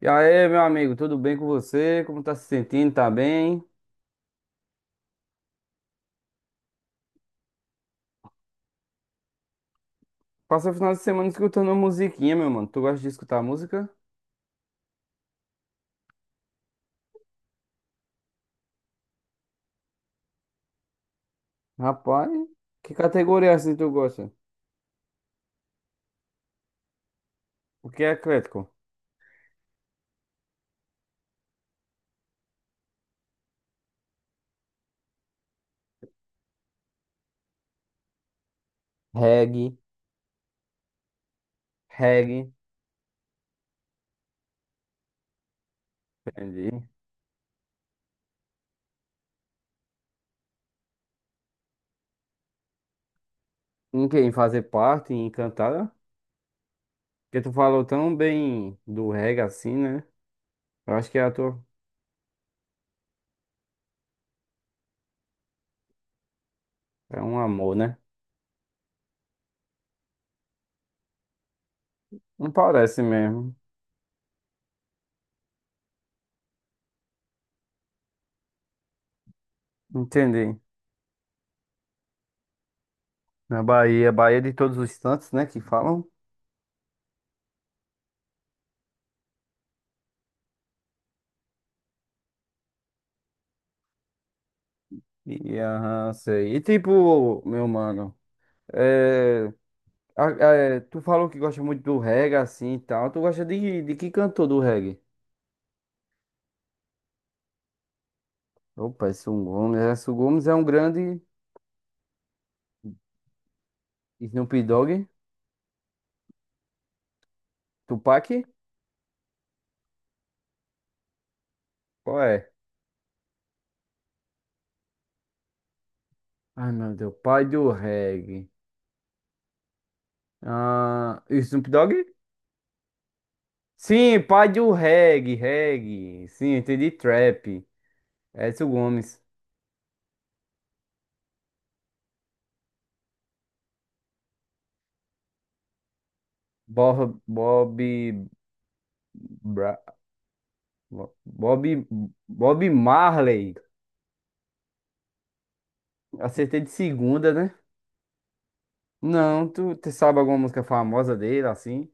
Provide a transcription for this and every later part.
E aí, meu amigo, tudo bem com você? Como tá se sentindo? Tá bem? Passa o final de semana escutando musiquinha, meu mano. Tu gosta de escutar música? Rapaz, que categoria assim tu gosta? O que é eclético? Reggae, Reggae, entendi. Em quem fazer parte, em cantada? Porque tu falou tão bem do reggae assim, né? Eu acho que é a tua. É um amor, né? Não parece mesmo. Entendi. Na Bahia, Bahia de todos os santos, né? Que falam. E, aham, sei. E tipo, meu mano. É, é, tu falou que gosta muito do reggae, assim e tal. Tu gosta de que cantor do reggae? Opa, Edson Gomes. Edson Gomes é um grande Snoop Dogg. Tupac? Qual é? Ai, meu Deus. Pai do reggae. Ah, Snoop Dogg? Sim, pai do reggae, reggae. Sim, entendi. Trap. Edson Gomes. Bob, Bob, Bra- Bob, Bob Marley. Acertei de segunda, né? Não, tu sabe alguma música famosa dele, assim?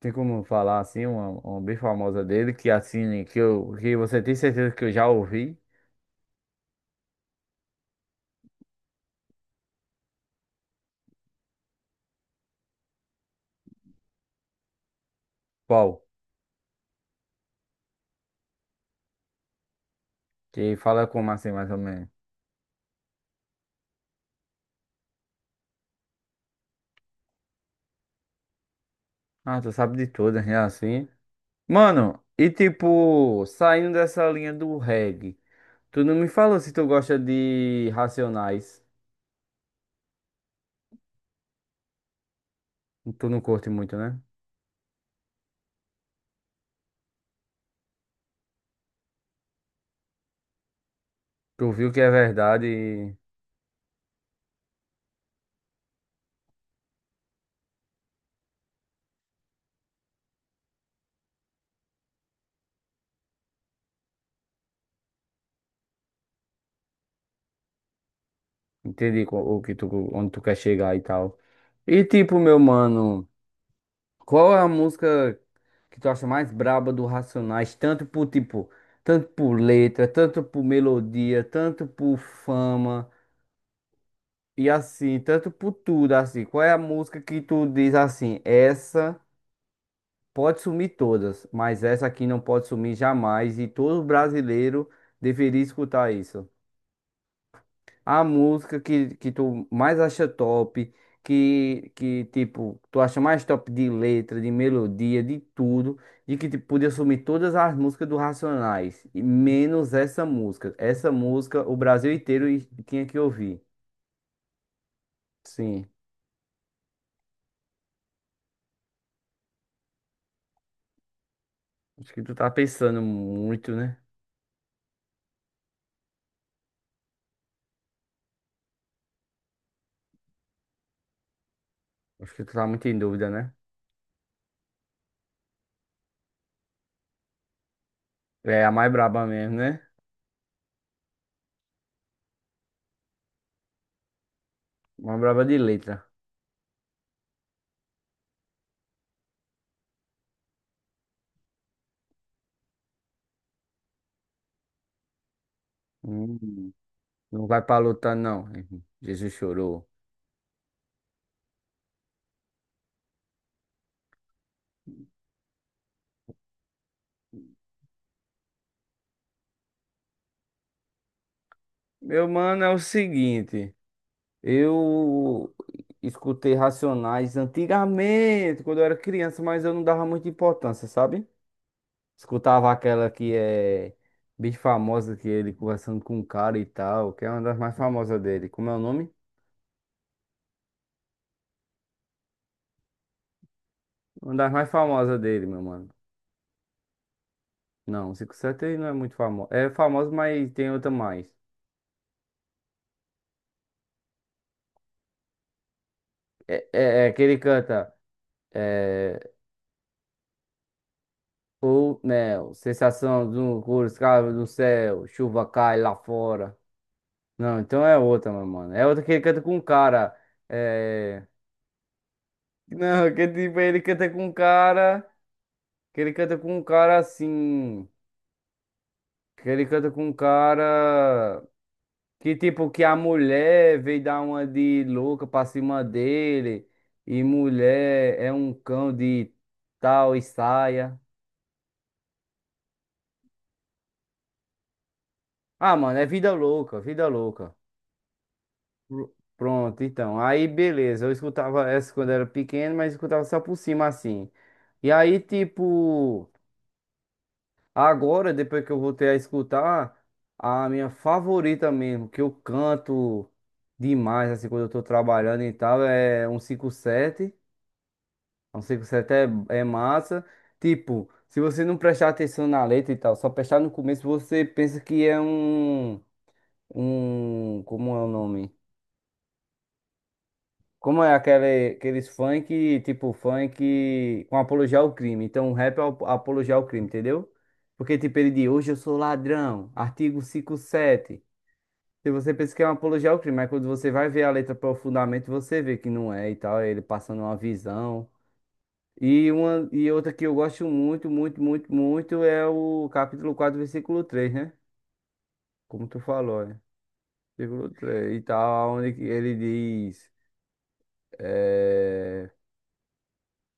Tem como falar, assim, uma bem famosa dele, que você tem certeza que eu já ouvi? Qual? Que fala como assim, mais ou menos? Ah, tu sabe de todas, né, assim? Mano, e tipo, saindo dessa linha do reggae, tu não me falou se tu gosta de Racionais. Tu não curte muito, né? Tu viu que é verdade e entendi. Onde tu quer chegar e tal. E tipo, meu mano. Qual é a música que tu acha mais braba do Racionais? Tanto por tipo, tanto por letra, tanto por melodia, tanto por fama e assim, tanto por tudo assim. Qual é a música que tu diz assim? Essa pode sumir todas, mas essa aqui não pode sumir jamais e todo brasileiro deveria escutar isso. A música que tu mais acha top, que tipo, tu acha mais top de letra, de melodia, de tudo, e que tipo, podia sumir todas as músicas do Racionais, e menos essa música. Essa música o Brasil inteiro tinha que ouvir. Sim, acho que tu tá pensando muito, né? Acho que tu tá muito em dúvida, né? É a mais braba mesmo, né? Mais braba de letra. Hum, não vai pra lutar, não. Jesus chorou. Meu mano, é o seguinte. Eu escutei Racionais antigamente, quando eu era criança, mas eu não dava muita importância, sabe? Escutava aquela que é bem famosa, que é ele conversando com um cara e tal, que é uma das mais famosas dele. Como é o nome? Uma das mais famosas dele, meu mano. Não, 57 ele não é muito famoso. É famoso, mas tem outra mais. É que ele canta. É, o Neo, sensação do cores, cara do céu, chuva cai lá fora. Não, então é outra, meu mano. É outra que ele canta com um cara. É. Não, que tipo, ele canta com um cara. Que ele canta com um cara assim. Que ele canta com um cara. Que tipo, que a mulher veio dar uma de louca pra cima dele. E mulher é um cão de tal e saia. Ah, mano, é vida louca, vida louca. Pr- Pronto, então. Aí, beleza. Eu escutava essa quando era pequeno, mas escutava só por cima assim. E aí, tipo. Agora, depois que eu voltei a escutar, a minha favorita mesmo, que eu canto demais, assim, quando eu tô trabalhando e tal, é um cinco sete. Um 57 é massa. Tipo, se você não prestar atenção na letra e tal, só prestar no começo, você pensa que é um. Um. Como é o nome? Como é aqueles funk, tipo funk com apologia ao crime. Então, o rap é apologia ao crime, entendeu? Porque, tipo, ele diz, hoje eu sou ladrão, artigo 57. Se você pensa que é uma apologia ao crime, mas quando você vai ver a letra profundamente, você vê que não é e tal, é ele passando uma visão. E outra que eu gosto muito, muito, muito, muito é o capítulo 4 versículo 3, né? Como tu falou, né? Versículo 3 e tal, onde ele diz. eh,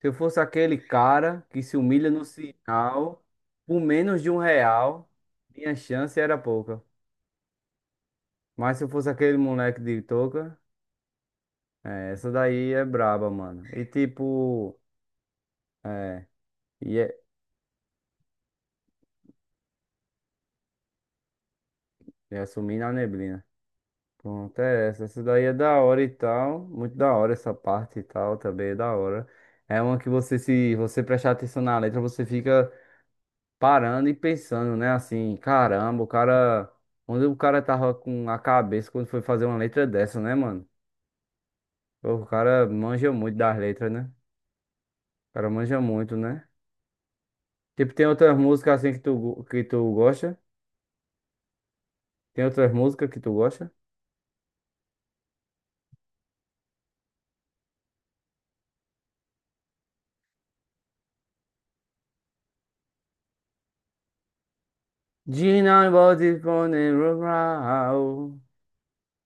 Se eu fosse aquele cara que se humilha no sinal por menos de um real, minha chance era pouca. Mas se eu fosse aquele moleque de touca, é, essa daí é braba, mano. E tipo, é, ia, ia sumir na neblina. Pronto, é essa. Essa daí é da hora e tal. Muito da hora essa parte e tal, também é da hora. É uma que você, se você prestar atenção na letra, você fica parando e pensando, né? Assim, caramba, o cara. Onde o cara tava com a cabeça quando foi fazer uma letra dessa, né, mano? Pô, o cara manja muito das letras, né? O cara manja muito, né? Tipo, tem outras músicas assim que tu gosta? Tem outras músicas que tu gosta? Gina Body Phone Rural.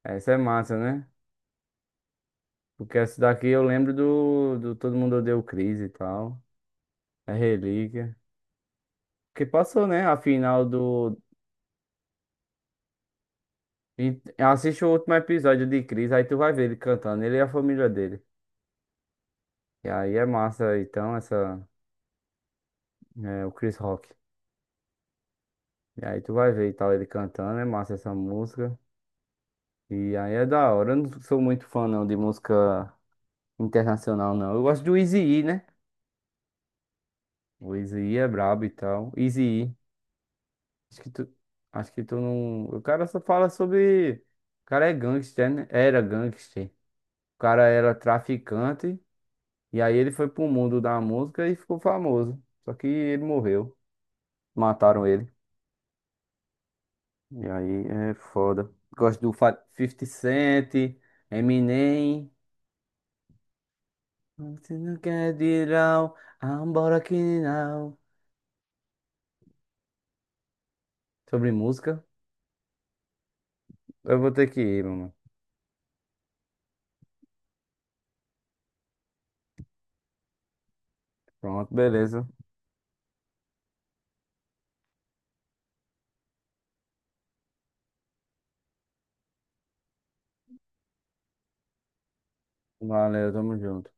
Essa é massa, né? Porque essa daqui eu lembro do Todo Mundo Odeia o Chris e tal. É relíquia. Que passou, né? A final do. E assiste o último episódio de Chris aí tu vai ver ele cantando, ele e a família dele. E aí é massa, então, essa. É, o Chris Rock. E aí tu vai ver e tal, ele cantando, é massa essa música. E aí é da hora. Eu não sou muito fã, não, de música internacional, não. Eu gosto do Eazy-E, né? O Eazy-E é brabo e tal. Eazy-E. Acho que tu. Acho que tu não. O cara só fala sobre. O cara é gangster, né? Era gangster. O cara era traficante. E aí ele foi pro mundo da música e ficou famoso. Só que ele morreu. Mataram ele. E aí é foda. Gosto do 50 Cent, Eminem. Você não quer ir embora aqui não. Sobre música, eu vou ter que ir, mano. Pronto, beleza. Valeu, tamo junto.